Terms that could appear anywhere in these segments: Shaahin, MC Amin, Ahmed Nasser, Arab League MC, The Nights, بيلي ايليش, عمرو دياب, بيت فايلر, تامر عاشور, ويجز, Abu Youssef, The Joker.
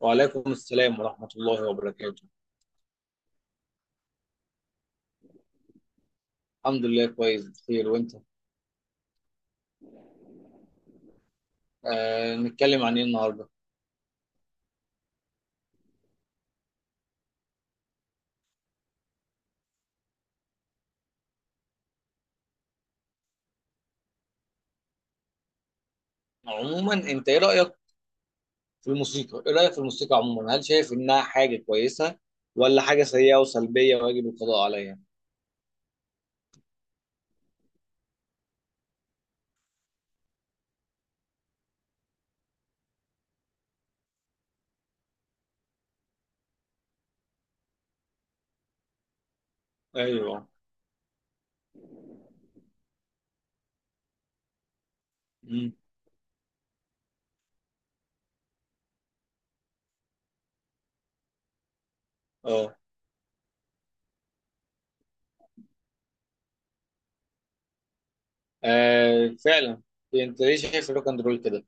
وعليكم السلام ورحمة الله وبركاته. الحمد لله، كويس بخير، وانت؟ آه، نتكلم عن ايه النهاردة؟ عموما انت ايه رأيك في الموسيقى؟ ايه رأيك في الموسيقى عموما؟ هل شايف انها حاجة كويسة، ولا حاجة سيئة وسلبية ويجب القضاء عليها؟ ايوه. مم. اه. آه، فعلا. انت ليه شايف الروك اند رول كده؟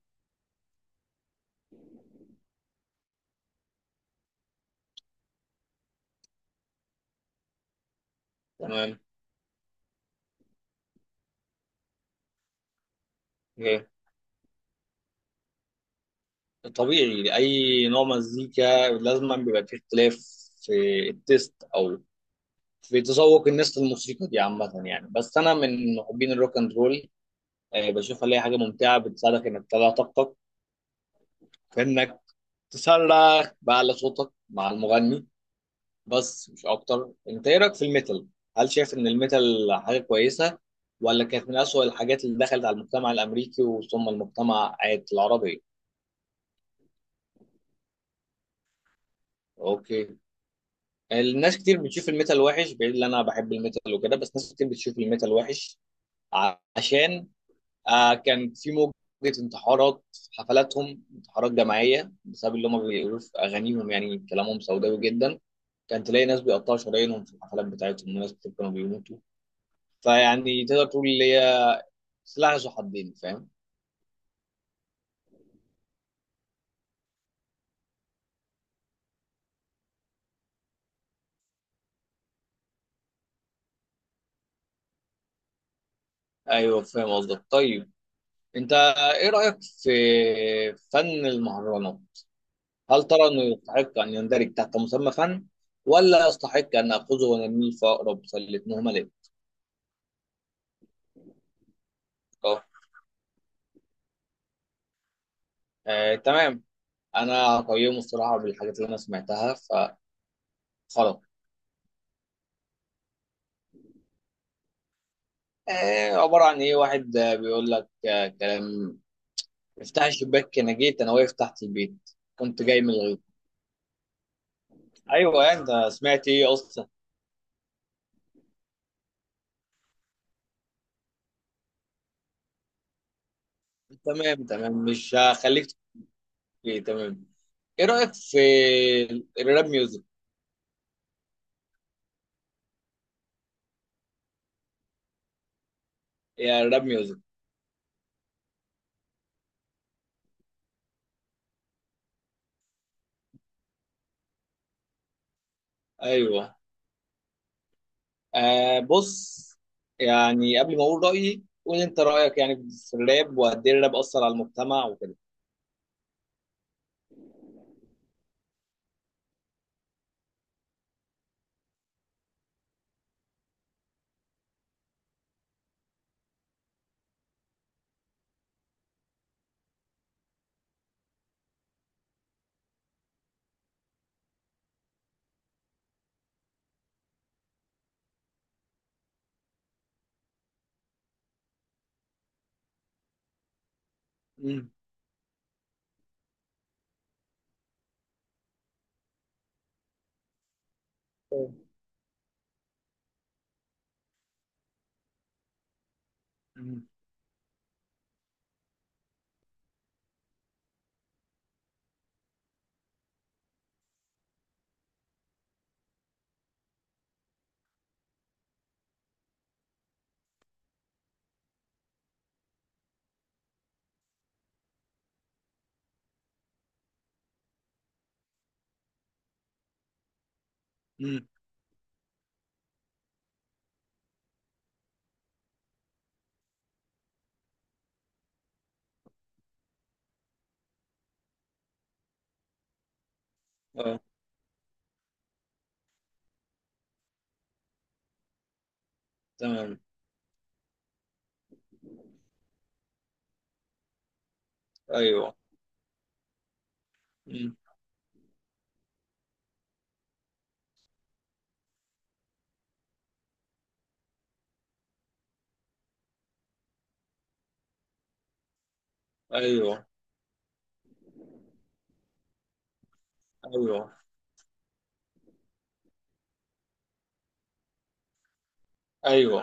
تمام. إيه. طبيعي اي نوع مزيكا لازم بيبقى فيه اختلاف في التيست، او في تذوق الناس للموسيقى دي عامة يعني. بس أنا من محبين الروك أند رول. آه، بشوفها اللي هي حاجة ممتعة، بتساعدك إنك تطلع طاقتك، في إنك تسرح بأعلى صوتك مع المغني، بس مش أكتر. أنت إيه رأيك في الميتال؟ هل شايف إن الميتال حاجة كويسة، ولا كانت من أسوأ الحاجات اللي دخلت على المجتمع الأمريكي وثم المجتمع العربي؟ أوكي، الناس كتير بتشوف الميتال وحش، بعيد إن أنا بحب الميتال وكده، بس ناس كتير بتشوف الميتال وحش، عشان آه كان في موجة انتحارات في حفلاتهم، انتحارات جماعية بسبب اللي هم بيقولوه في أغانيهم، يعني كلامهم سوداوي جدا. كان تلاقي ناس بيقطعوا شرايينهم في الحفلات بتاعتهم، وناس كانوا بيموتوا. فيعني تقدر تقول اللي هي سلاح ذو حدين، فاهم؟ أيوه فاهم قصدك. طيب أنت إيه رأيك في فن المهرجانات؟ هل ترى إنه يستحق أن يندرج تحت مسمى فن، ولا يستحق أن آخذه ونرميه في أقرب سلة مهملة؟ آه تمام، انا قيمه الصراحه بالحاجات اللي انا سمعتها فخلاص. آه، عباره عن ايه؟ واحد بيقول لك آه كلام: افتح الشباك انا جيت، انا واقف تحت البيت، كنت جاي من الغيط. ايوه يعني، انت سمعت ايه اصلا؟ تمام تمام، مش هخليك تحكي. تمام، ايه رايك في الراب ميوزك؟ يا الراب ميوزك. ايوه، آه بص، يعني قبل ما اقول رايي، قول انت رايك يعني في الراب، وقد ايه الراب اثر على المجتمع وكده. امم. امم. تمام. ايوه. مم. ايوه. ايوه. ايوه.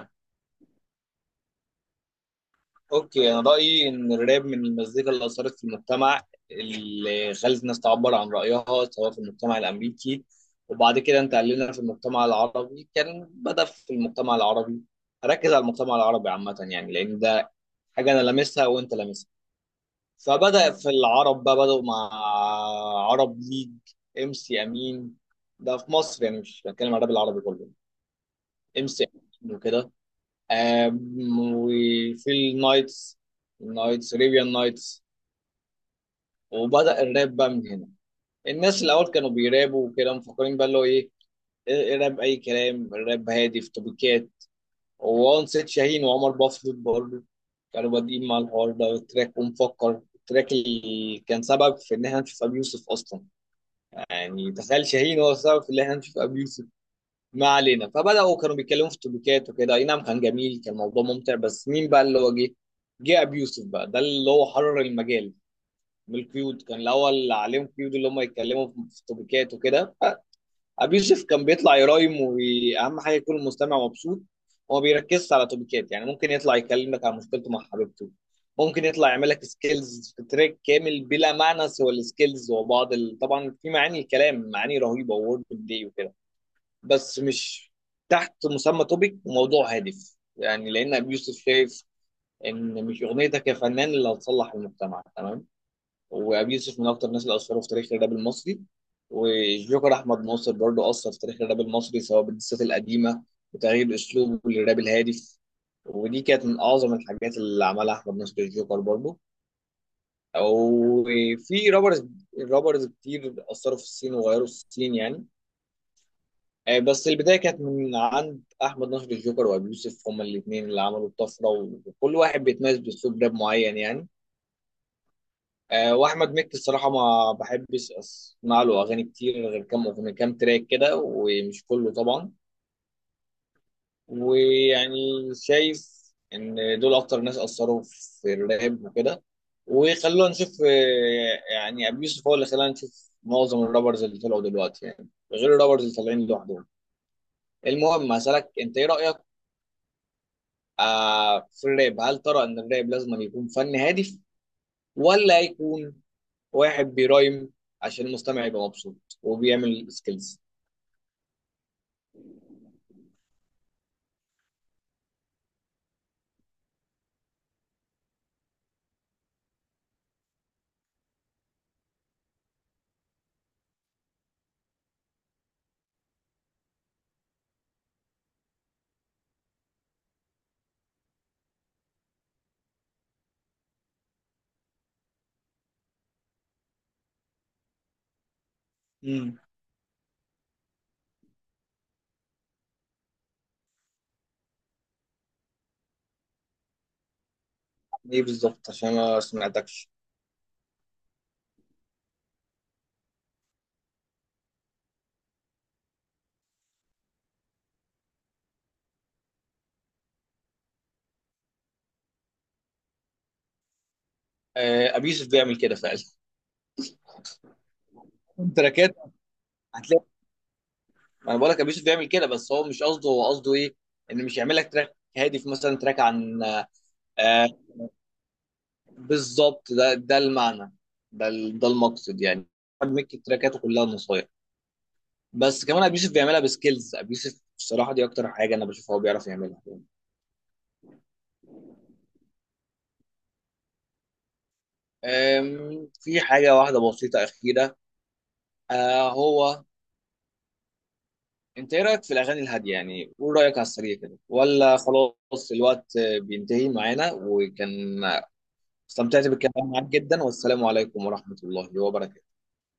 اوكي، انا رايي ان الراب من المزيكا اللي اثرت في المجتمع، اللي خلت الناس تعبر عن رايها، سواء في المجتمع الامريكي، وبعد كده انتقلنا في المجتمع العربي. كان بدا في المجتمع العربي، هركز على المجتمع العربي عامه يعني، لان ده حاجه انا لامسها وانت لامسها. فبدا في العرب بقى، بداوا مع عرب ليج، ام سي امين، ده في مصر يعني، مش بتكلم على الراب العربي كله. ام سي امين وكده، آم، وفي النايتس، النايتس ريبيان نايتس. وبدأ الراب بقى من هنا. الناس الأول كانوا بيرابوا وكده، مفكرين بقى اللي هو إيه، إيه الراب. أي كلام الراب هادي في توبيكات. وان سيد شاهين وعمر بفضل برضه كانوا بادئين مع الحوار ده والتراك، ومفكر التراك اللي كان سبب في إن إحنا نشوف أبي يوسف أصلا. يعني تخيل، شاهين هو السبب في إن إحنا نشوف أبي يوسف. ما علينا. فبداوا كانوا بيتكلموا في التوبيكات وكده، اي نعم كان جميل، كان موضوع ممتع. بس مين بقى اللي هو جه؟ جه ابي يوسف بقى، ده اللي هو حرر المجال من القيود. كان الاول عليهم قيود اللي هم يتكلموا في التوبيكات وكده. ابي يوسف كان بيطلع يرايم، واهم حاجه يكون المستمع مبسوط. هو ما بيركزش على توبيكات. يعني ممكن يطلع يكلم لك عن مشكلته مع حبيبته، ممكن يطلع يعمل لك سكيلز في تراك كامل بلا معنى سوى السكيلز، وبعض ال... طبعا في معاني، الكلام معاني رهيبه وورد بلاي وكده، بس مش تحت مسمى توبيك وموضوع هادف. يعني لان ابي يوسف شايف ان مش اغنيتك يا فنان اللي هتصلح المجتمع، تمام. وابي يوسف من اكتر الناس اللي اثروا في تاريخ الراب المصري. والجوكر احمد ناصر برضو اثر في تاريخ الراب المصري، سواء بالدسات القديمه، وتغيير اسلوبه للراب الهادف. ودي كانت من اعظم الحاجات اللي عملها احمد ناصر الجوكر برضو. وفي رابرز، رابرز كتير اثروا في السين وغيروا السين يعني. آه، بس البدايه كانت من عند احمد نصر الجوكر وابي يوسف، هما الاثنين اللي عملوا الطفره. وكل واحد بيتميز باسلوب راب معين يعني. آه، واحمد مكي الصراحه ما بحبش اسمع له اغاني كتير، غير كام اغنيه، كام تراك كده، ومش كله طبعا. ويعني شايف ان دول اكتر ناس اثروا في الراب وكده. وخلونا نشوف، آه، يعني ابي يوسف هو اللي خلانا نشوف معظم الرابرز اللي طلعوا دلوقتي يعني، غير الرابرز اللي طالعين لوحدهم. المهم، هسألك انت ايه رأيك آه في الراب، هل ترى ان الراب لازم يكون فن هادف، ولا يكون واحد بيرايم عشان المستمع يبقى مبسوط وبيعمل سكيلز؟ امم. ايه بالظبط؟ عشان ما سمعتكش. آه، ابي يوسف بيعمل كده فعلا. تراكات هتلاقي، ما انا بقول لك ابي يوسف بيعمل كده، بس هو مش قصده، هو قصده ايه؟ ان مش يعمل لك تراك هادف، مثلا تراك عن، آه، بالظبط، ده ده المعنى، ده المقصد يعني، ميك تراكاته كلها نصايح. بس كمان ابو يوسف بيعملها بسكيلز. ابو يوسف الصراحه دي اكتر حاجه انا بشوفه هو بيعرف يعملها. أم، في حاجه واحده بسيطه اخيره، آه هو انت ايه رايك في الاغاني الهاديه؟ يعني قول رايك على السريع كده، ولا خلاص الوقت آه، بينتهي معانا. وكان استمتعت بالكلام معاك جدا، والسلام عليكم ورحمه الله وبركاته.